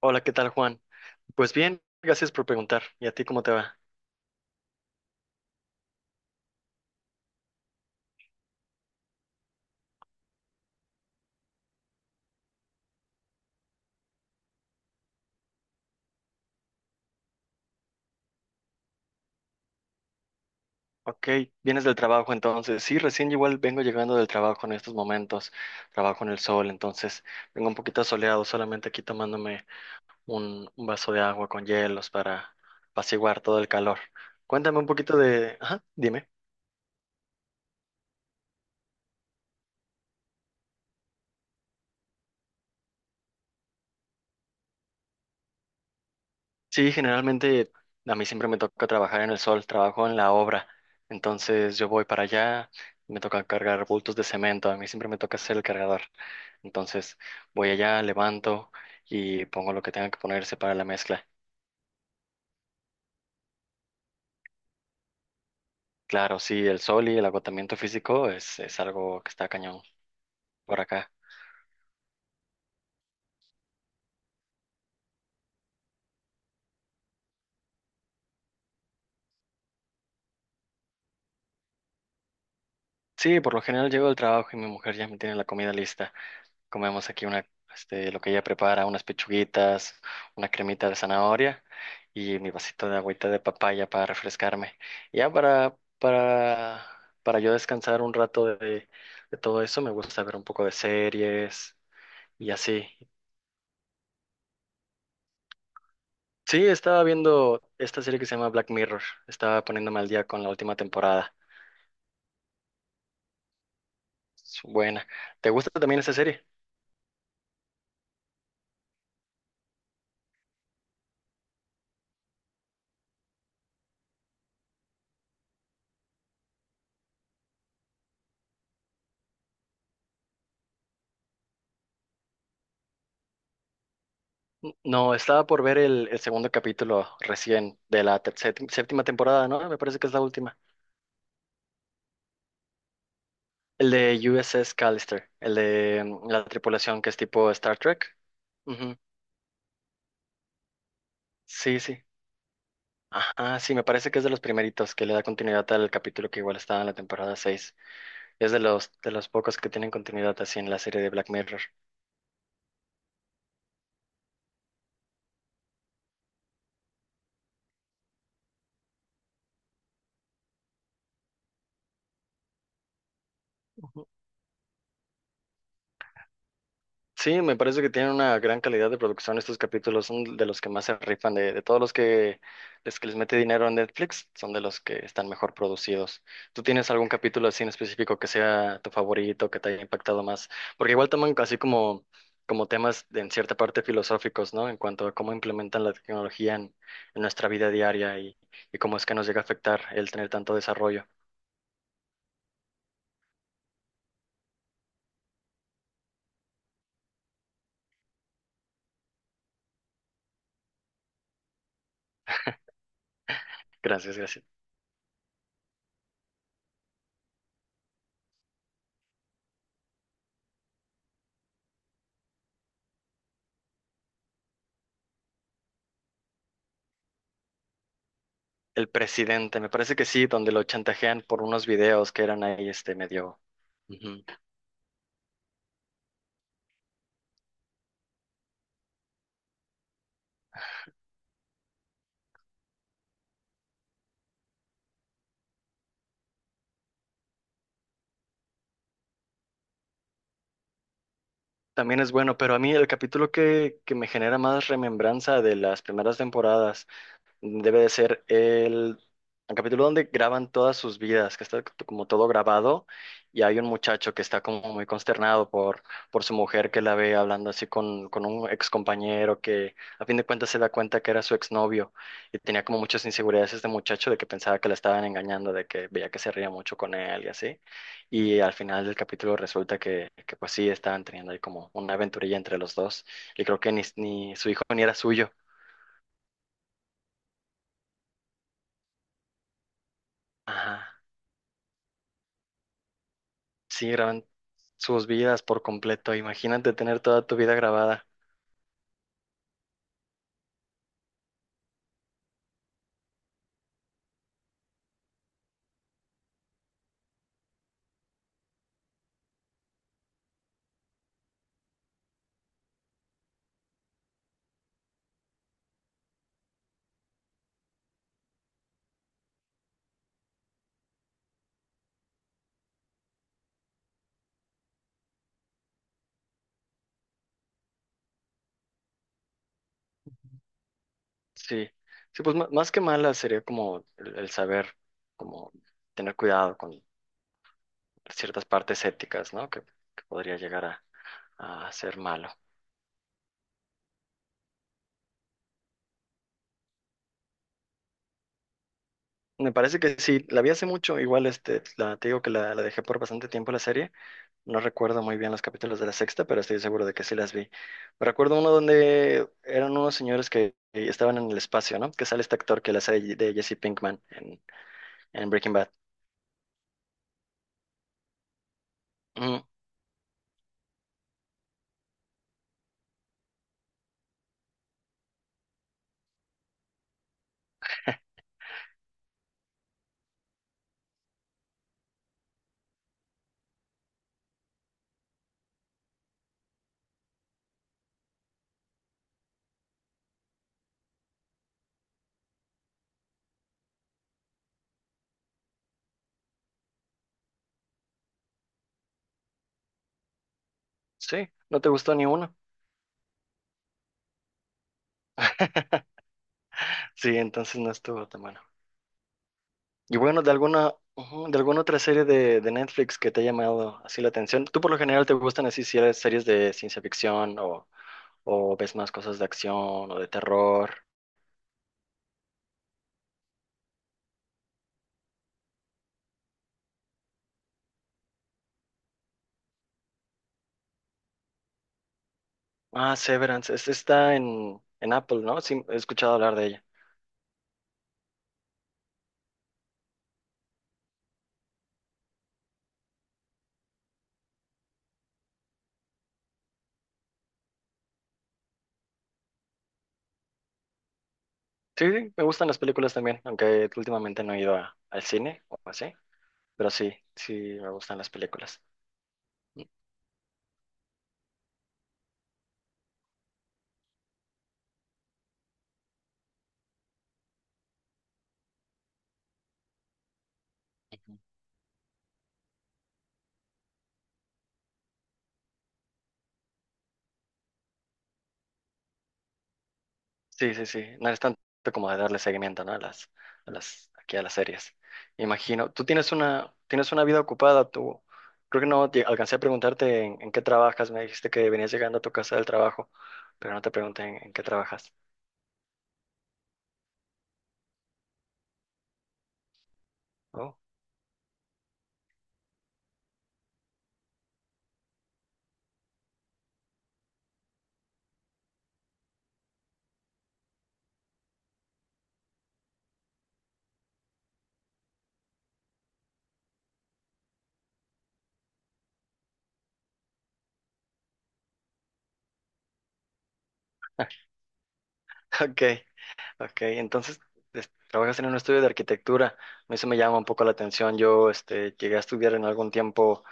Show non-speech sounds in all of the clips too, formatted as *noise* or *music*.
Hola, ¿qué tal, Juan? Pues bien, gracias por preguntar. ¿Y a ti cómo te va? Ok, vienes del trabajo entonces. Sí, recién igual vengo llegando del trabajo en estos momentos. Trabajo en el sol, entonces vengo un poquito soleado, solamente aquí tomándome un vaso de agua con hielos para apaciguar todo el calor. Cuéntame un poquito de... Ajá, dime. Sí, generalmente a mí siempre me toca trabajar en el sol, trabajo en la obra. Entonces yo voy para allá, me toca cargar bultos de cemento, a mí siempre me toca ser el cargador. Entonces voy allá, levanto y pongo lo que tenga que ponerse para la mezcla. Claro, sí, el sol y el agotamiento físico es algo que está cañón por acá. Sí, por lo general llego al trabajo y mi mujer ya me tiene la comida lista. Comemos aquí lo que ella prepara, unas pechuguitas, una cremita de zanahoria y mi vasito de agüita de papaya para refrescarme. Ya Para yo descansar un rato de todo eso, me gusta ver un poco de series y así. Sí, estaba viendo esta serie que se llama Black Mirror. Estaba poniéndome al día con la última temporada. Es buena. ¿Te gusta también esa serie? N- No, estaba por ver el segundo capítulo recién de la te- sépti- séptima temporada, ¿no? Me parece que es la última. El de USS Callister, el de la tripulación que es tipo Star Trek. Ujú. Sí, sí. Ajá, sí, me parece que es de los primeritos que le da continuidad al capítulo que igual estaba en la temporada 6. Es de los pocos que tienen continuidad así en la serie de Black Mirror. Sí, me parece que tienen una gran calidad de producción estos capítulos, son de los que más se rifan, de todos los que les mete dinero a Netflix, son de los que están mejor producidos. ¿Tú tienes algún capítulo así en específico que sea tu favorito, que te haya impactado más? Porque igual toman así como, como temas de, en cierta parte filosóficos, ¿no? En cuanto a cómo implementan la tecnología en nuestra vida diaria y cómo es que nos llega a afectar el tener tanto desarrollo. Gracias, gracias. El presidente, me parece que sí, donde lo chantajean por unos videos que eran ahí este medio. Ujú. También es bueno, pero a mí el capítulo que me genera más remembranza de las primeras temporadas debe de ser el capítulo donde graban todas sus vidas, que está como todo grabado y hay un muchacho que está como muy consternado por su mujer que la ve hablando así con un ex compañero que a fin de cuentas se da cuenta que era su exnovio y tenía como muchas inseguridades este muchacho de que pensaba que la estaban engañando, de que veía que se reía mucho con él y así. Y al final del capítulo resulta que pues sí, estaban teniendo ahí como una aventurilla entre los dos y creo que ni, ni su hijo ni era suyo. Ajá. Sí, graban sus vidas por completo. Imagínate tener toda tu vida grabada. Sí, sí, pues ma- más que mala sería como el saber, como tener cuidado con ciertas partes éticas, ¿no? Que podría llegar a ser malo. Me parece que sí, la vi hace mucho, igual este, la, te digo que la dejé por bastante tiempo la serie. No recuerdo muy bien los capítulos de la sexta, pero estoy seguro de que sí las vi. Me recuerdo uno donde eran unos señores que estaban en el espacio, ¿no? Que sale este actor que la hace de Jesse Pinkman en Breaking Bad. Ujú. Sí, no te gustó ni uno. *laughs* Sí, entonces no estuvo tan bueno. Y bueno, de alguna, ujú, de alguna otra serie de Netflix que te ha llamado así la atención. ¿Tú por lo general te gustan así si eres series de ciencia ficción o ves más cosas de acción o de terror? Ah, Severance, esta está en Apple, ¿no? Sí, he escuchado hablar de ella. Sí, sí, me gustan las películas también, aunque últimamente no he ido a- al cine o así, pero sí, sí me gustan las películas. Sí, sí, sí. No es tanto como de darle seguimiento, ¿no? A las, aquí a las series. Imagino. Tú tienes una vida ocupada, tú. Creo que no te alcancé a preguntarte en qué trabajas. Me dijiste que venías llegando a tu casa del trabajo, pero no te pregunté en qué trabajas. Oh, *laughs* ok, ok. Entonces, es- trabajas en un estudio de arquitectura. A mí eso me llama un poco la atención. Yo, este, llegué a estudiar en algún tiempo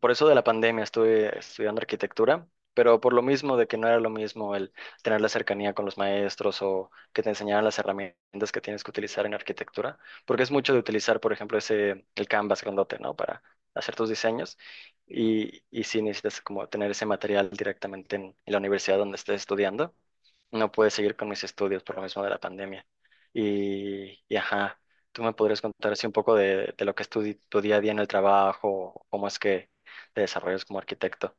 por eso de la pandemia, estuve estudiando arquitectura, pero por lo mismo de que no era lo mismo el tener la cercanía con los maestros o que te enseñaran las herramientas que tienes que utilizar en arquitectura, porque es mucho de utilizar, por ejemplo, ese, el Canvas grandote, ¿no? Para hacer tus diseños y si necesitas como tener ese material directamente en la universidad donde estés estudiando, no puedes seguir con mis estudios por lo mismo de la pandemia. Y ajá, ¿tú me podrías contar así un poco de lo que es tu, di- tu día a día en el trabajo, cómo es que te desarrollas como arquitecto?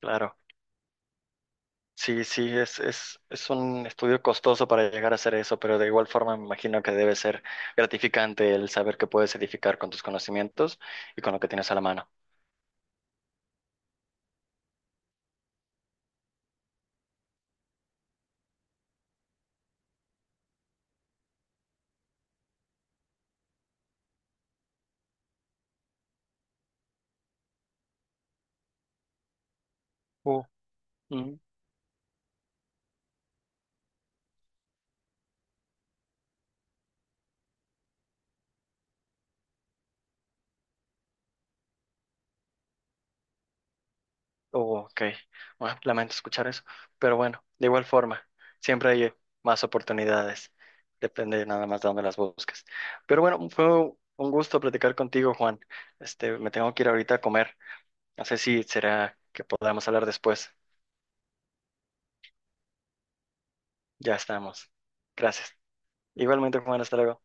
Claro. Sí, sí, es, es un estudio costoso para llegar a hacer eso, pero de igual forma me imagino que debe ser gratificante el saber que puedes edificar con tus conocimientos y con lo que tienes a la mano. Uh, mm, oh, ok. Bueno, lamento escuchar eso, pero bueno, de igual forma, siempre hay más oportunidades. Depende nada más de dónde las busques. Pero bueno, fue un gusto platicar contigo, Juan. Este, me tengo que ir ahorita a comer. No sé si será que podamos hablar después. Ya estamos. Gracias. Igualmente, Juan, hasta luego.